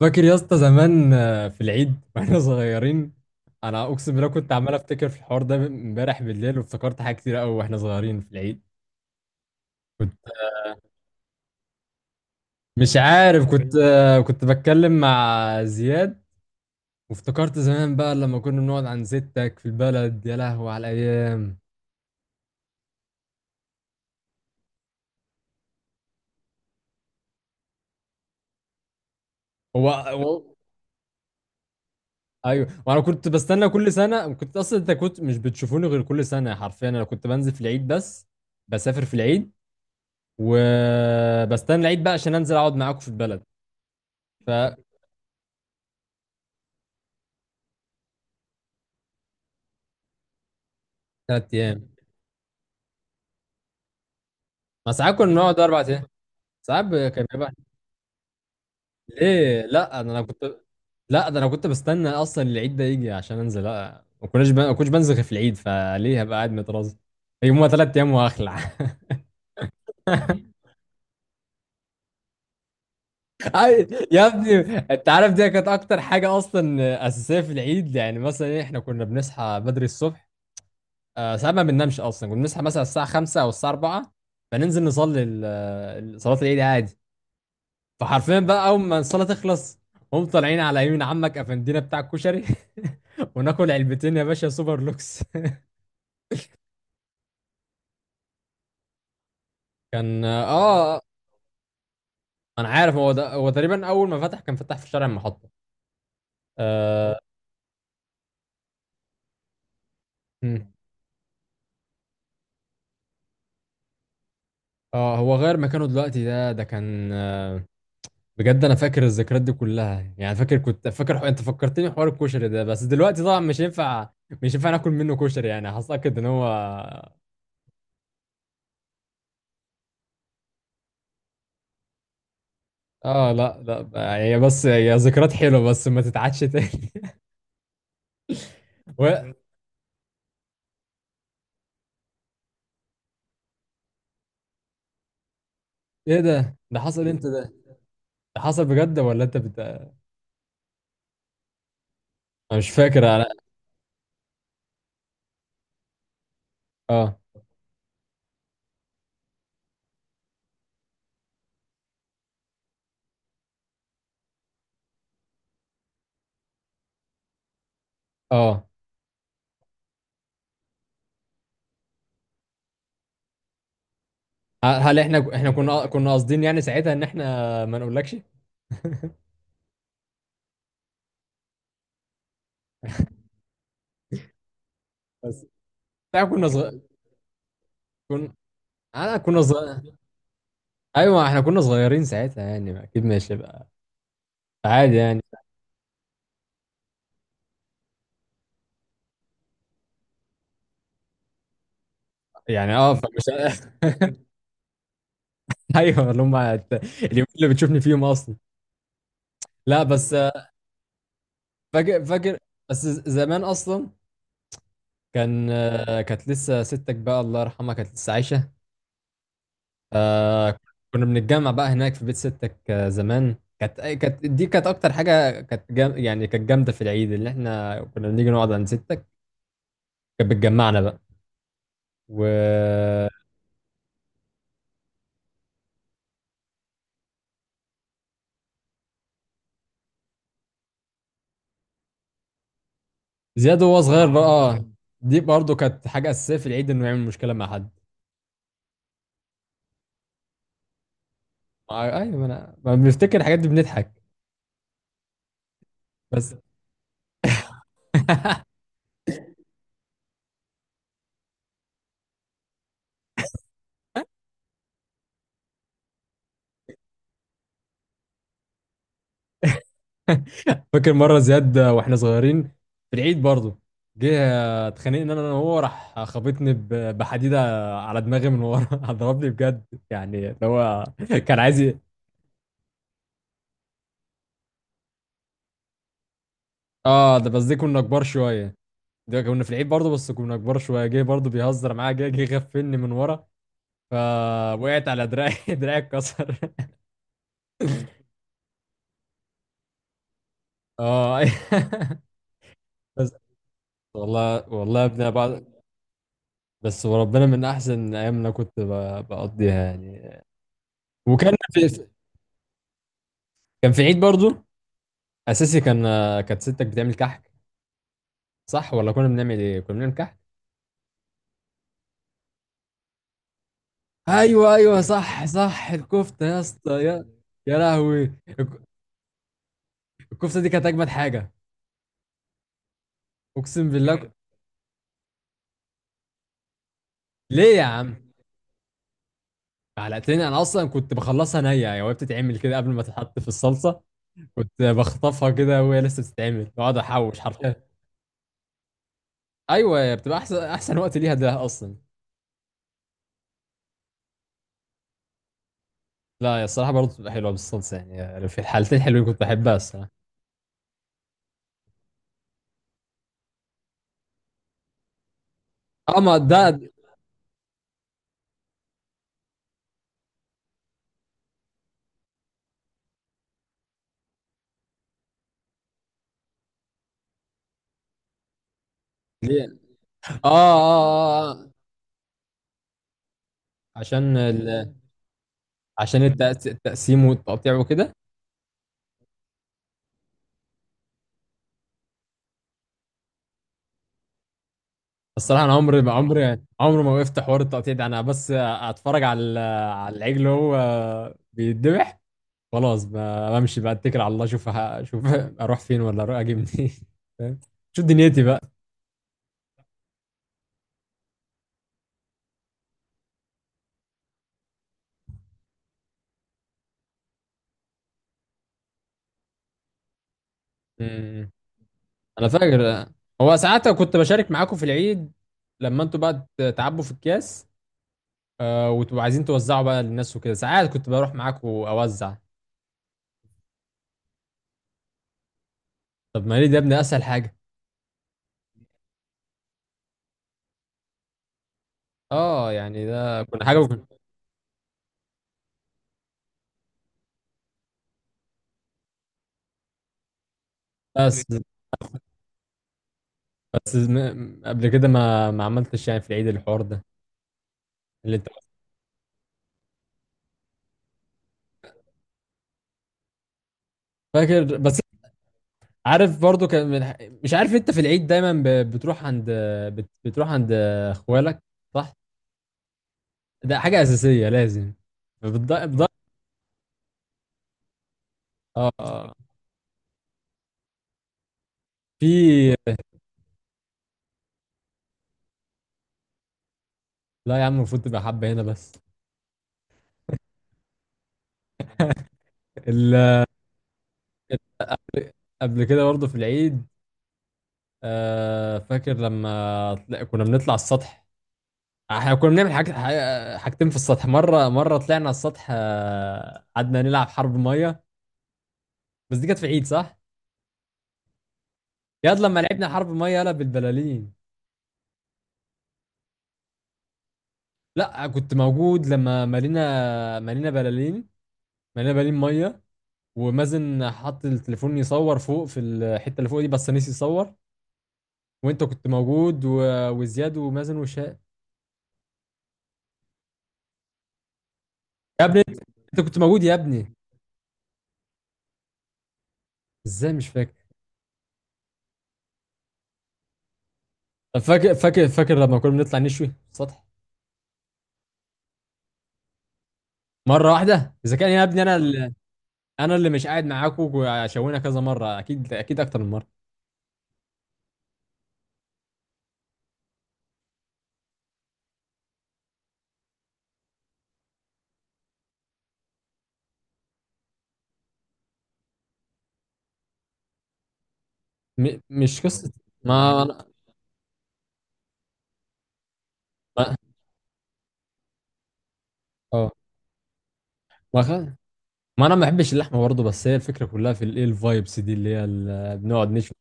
فاكر يا اسطى زمان في العيد واحنا صغيرين. انا اقسم بالله كنت عمال افتكر في الحوار ده امبارح بالليل، وافتكرت حاجات كتير قوي واحنا صغيرين في العيد. كنت مش عارف، كنت كنت بتكلم مع زياد، وافتكرت زمان بقى لما كنا بنقعد عند ستك في البلد. يا لهوي على الايام. هو هو- ايوه، وانا كنت بستنى كل سنه. كنت اصلا، انت كنت مش بتشوفوني غير كل سنه حرفيا. انا كنت بنزل في العيد بس، بسافر في العيد، وبستنى العيد بقى عشان انزل اقعد معاكم في البلد. فتلات ايام. ما ساعات كنا بنقعد اربع ايام. كان بيبقى. ليه لا؟ ده انا كنت، لا ده انا كنت بستنى اصلا العيد ده يجي عشان انزل. لا، ما كناش ما كنتش بنزل غير في العيد، فليه هبقى قاعد متراز؟ يوم، ثلاث ايام، وهخلع. يا ابني، انت عارف دي كانت اكتر حاجه اصلا اساسيه في العيد. يعني مثلا إيه، احنا كنا بنصحى بدري الصبح، ساعات ما بننامش اصلا. كنا بنصحى مثلا الساعه 5 او الساعه 4، فننزل نصلي صلاه العيد عادي. فحرفيا بقى اول ما الصلاه تخلص، هم طالعين على يمين عمك افندينا بتاع الكشري وناكل علبتين يا باشا سوبر لوكس. كان اه. انا عارف، هو ده. هو تقريبا اول ما فتح كان فتح في شارع المحطه. اه. مم. هو غير مكانه دلوقتي. ده ده كان بجد انا فاكر الذكريات دي كلها، يعني فاكر. كنت فاكر انت فكرتني حوار الكشري ده، بس دلوقتي طبعا مش ينفع. مش ينفع ناكل منه كشري، يعني هتأكد ان هو. اه لا لا، هي بس هي ذكريات حلوه، بس ما تتعادش تاني. و-، ايه ده؟ ده حصل امتى ده؟ ده حصل بجد ولا انت انا مش فاكر انا. اه اه. هل احنا، احنا كنا قاصدين يعني ساعتها ان احنا ما نقولكش؟ بس احنا كنا صغير، كنا، انا كنا صغير. ايوه احنا كنا صغيرين ساعتها يعني، اكيد ماشي بقى، عادي يعني. يعني اه فمش ايوه، اللي هم اليومين اللي بتشوفني فيهم اصلا. لا بس فاكر. بس زمان اصلا كان، كانت لسه ستك بقى الله يرحمها، كانت لسه عايشه. آه. كنا بنتجمع بقى هناك في بيت ستك. آه زمان كانت كانت دي، كانت اكتر حاجه، كانت جام، يعني كانت جامده في العيد، اللي احنا كنا بنيجي نقعد عند ستك، كانت بتجمعنا بقى، وزياد وهو صغير بقى. دي برضه كانت حاجه اساسيه في العيد، انه يعمل مشكله مع حد. ايوه، ما انا ما بنفتكر الحاجات دي بنضحك. بس فاكر مره زياد واحنا صغيرين في العيد برضه، جه اتخانقنا انا، أنا وهو، راح خبطني بحديده على دماغي من ورا ضربني بجد يعني اللي هو كان عايز ي- اه ده بس، دي كنا كبار شويه. ده كنا في العيد برضه بس كنا كبار شويه، جه برضه بيهزر معايا، جه غفلني من ورا، فوقعت على دراعي دراعي اتكسر. اه. بس والله، والله يا ابني. بعد، بس وربنا من احسن ايام اللي أنا كنت بقضيها يعني. وكان في، كان في عيد برضو اساسي كان، كانت ستك بتعمل كحك. صح ولا كنا بنعمل ايه؟ كنا بنعمل كحك. ايوه ايوه، صح صح، الكفته يا اسطى يا. يا لهوي، الك- الكفته دي كانت اجمد حاجه. اقسم بالله ك- ليه يا عم؟ علقتني انا اصلا كنت بخلصها نيه يعني، وهي بتتعمل كده قبل ما تتحط في الصلصه. كنت بخطفها كده وهي لسه بتتعمل، واقعد احوش حرفيا. ايوه بتبقى احسن احسن وقت ليها ده اصلا. لا يا الصراحه برضه بتبقى حلوه بالصلصه يعني، في الحالتين حلوين، كنت بحبها الصراحه. اه ما ده. ليه؟ اه اه آه. عشان ال... عشان التقسيم والتقطيع وكده. الصراحه انا عمري، ما عمري، عمري ما وقفت حوار التقطيع ده. انا بس اتفرج على العجل وهو بيتذبح. خلاص ب- بمشي بقى، اتكل على الله اشوف اشوف اروح فين ولا اروح اجي منين؟ فاهم؟ شوف دنيتي بقى. امم. انا فاكر هو ساعات كنت بشارك معاكم في العيد، لما انتوا بقى تعبوا في الكاس وتبقوا عايزين توزعوا بقى للناس وكده، ساعات كنت بروح معاكم اوزع. طب ما ليه ده يا ابني؟ اسهل حاجه. اه يعني ده كنا حاجه ممكن. بس بس قبل كده، ما ما عملتش يعني في العيد الحوار ده؟ اللي انت فاكر. بس عارف برضو كان مش عارف انت في العيد دايما بتروح عند، بتروح عند اخوالك، صح؟ ده حاجه اساسيه لازم بتض... بتض... اه آه. في، لا يا عم، المفروض تبقى حبه هنا بس. ال... قبل كده برضو في العيد، آه فاكر لما كنا بنطلع السطح. احنا كنا بنعمل حاجتين في السطح. مرة، مرة طلعنا على السطح، قعدنا نلعب حرب مية. بس دي كانت في عيد، صح؟ ياد لما لعبنا حرب مية، يلا بالبلالين. لا كنت موجود لما مالينا، مالينا بلالين، مالينا بلالين مية، ومازن حط التليفون يصور فوق في الحتة اللي فوق دي بس نسي يصور. وانت كنت موجود و... وزياد ومازن وشاء. يا ابني انت كنت موجود يا ابني. ازاي مش فاكر؟ طب فاكر لما كنا بنطلع نشوي في السطح. مرة واحدة اذا كان يا ابني، انا انا اللي مش قاعد معاكم، وشوينا كذا مره، اكيد اكيد اكتر من مره. مش قصه. ما انا ما-، اه ما، ما انا ما بحبش اللحمه برضه، بس هي الفكره كلها في الايه، الفايبس دي، اللي هي بنقعد نشوي.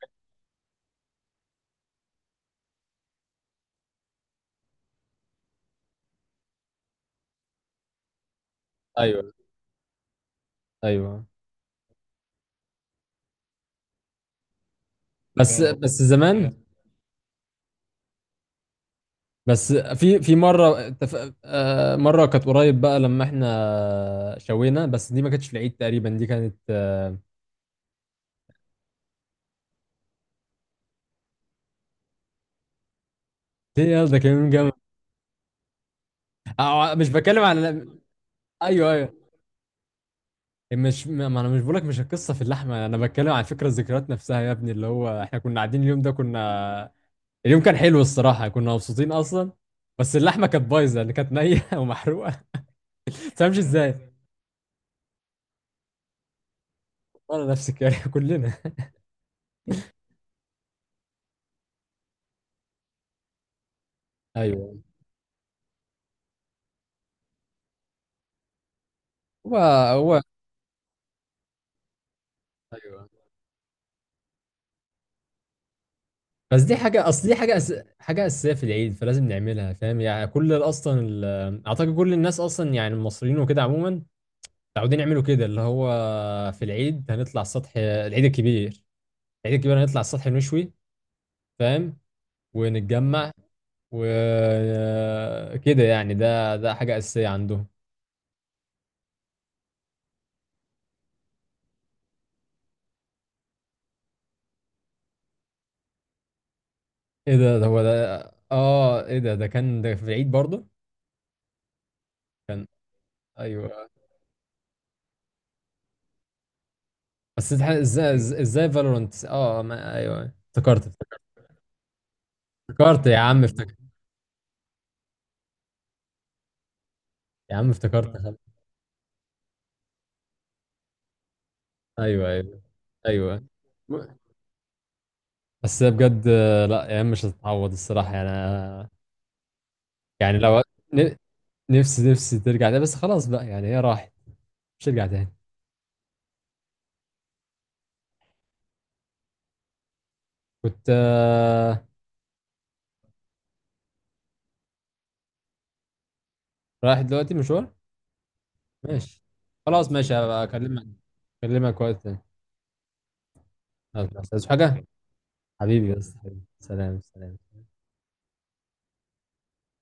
ايوه ايوه. بس فاهم، بس زمان. بس في في مره اتف... آه، مره كانت قريب بقى لما احنا شوينا، بس دي ما كانتش في العيد تقريبا، دي كانت دي يلا، ده كان يوم جامد. مش بتكلم على. ايوه ايوه، مش ما ما انا مش بقولك، مش القصه في اللحمه، انا بتكلم عن فكره الذكريات نفسها يا ابني، اللي هو احنا كنا قاعدين اليوم ده كنا. اليوم كان حلو الصراحه، كنا مبسوطين اصلا، بس اللحمه كانت بايظه، اللي كانت نيه ومحروقه. ما تفهمش ازاي. والله نفسك يعني كلنا. ايوه، هو هو. ايوه بس دي حاجه، اصل دي حاجه اساسيه في العيد، فلازم نعملها فاهم. يعني اصلا اعتقد كل الناس اصلا يعني المصريين وكده عموما متعودين يعملوا كده، اللي هو في العيد هنطلع السطح. العيد الكبير، العيد الكبير هنطلع السطح نشوي، فاهم، ونتجمع وكده. يعني ده ده حاجة أساسية عندهم. ايه ده؟ ده هو ده. اه ايه ده؟ ده كان ده في العيد برضه؟ كان، ايوه. بس ازاي ازاي فالورانت؟ اه ما ايوه افتكرت، افتكرت يا عم افتكرت خلاص. ايوه ايوه ايوه. بس هي بجد لا ايام مش هتتعوض الصراحه، يعني أنا-، يعني لو ن- نفسي ترجع تاني، بس خلاص بقى يعني، هي راحت مش هترجع تاني. كنت رايح دلوقتي مشوار؟ ماشي. خلاص ماشي، هبقى اكلمك، اكلمك وقت تاني. يلا، عايز حاجة؟ حبيبي، بس حبيبي سلام سلام.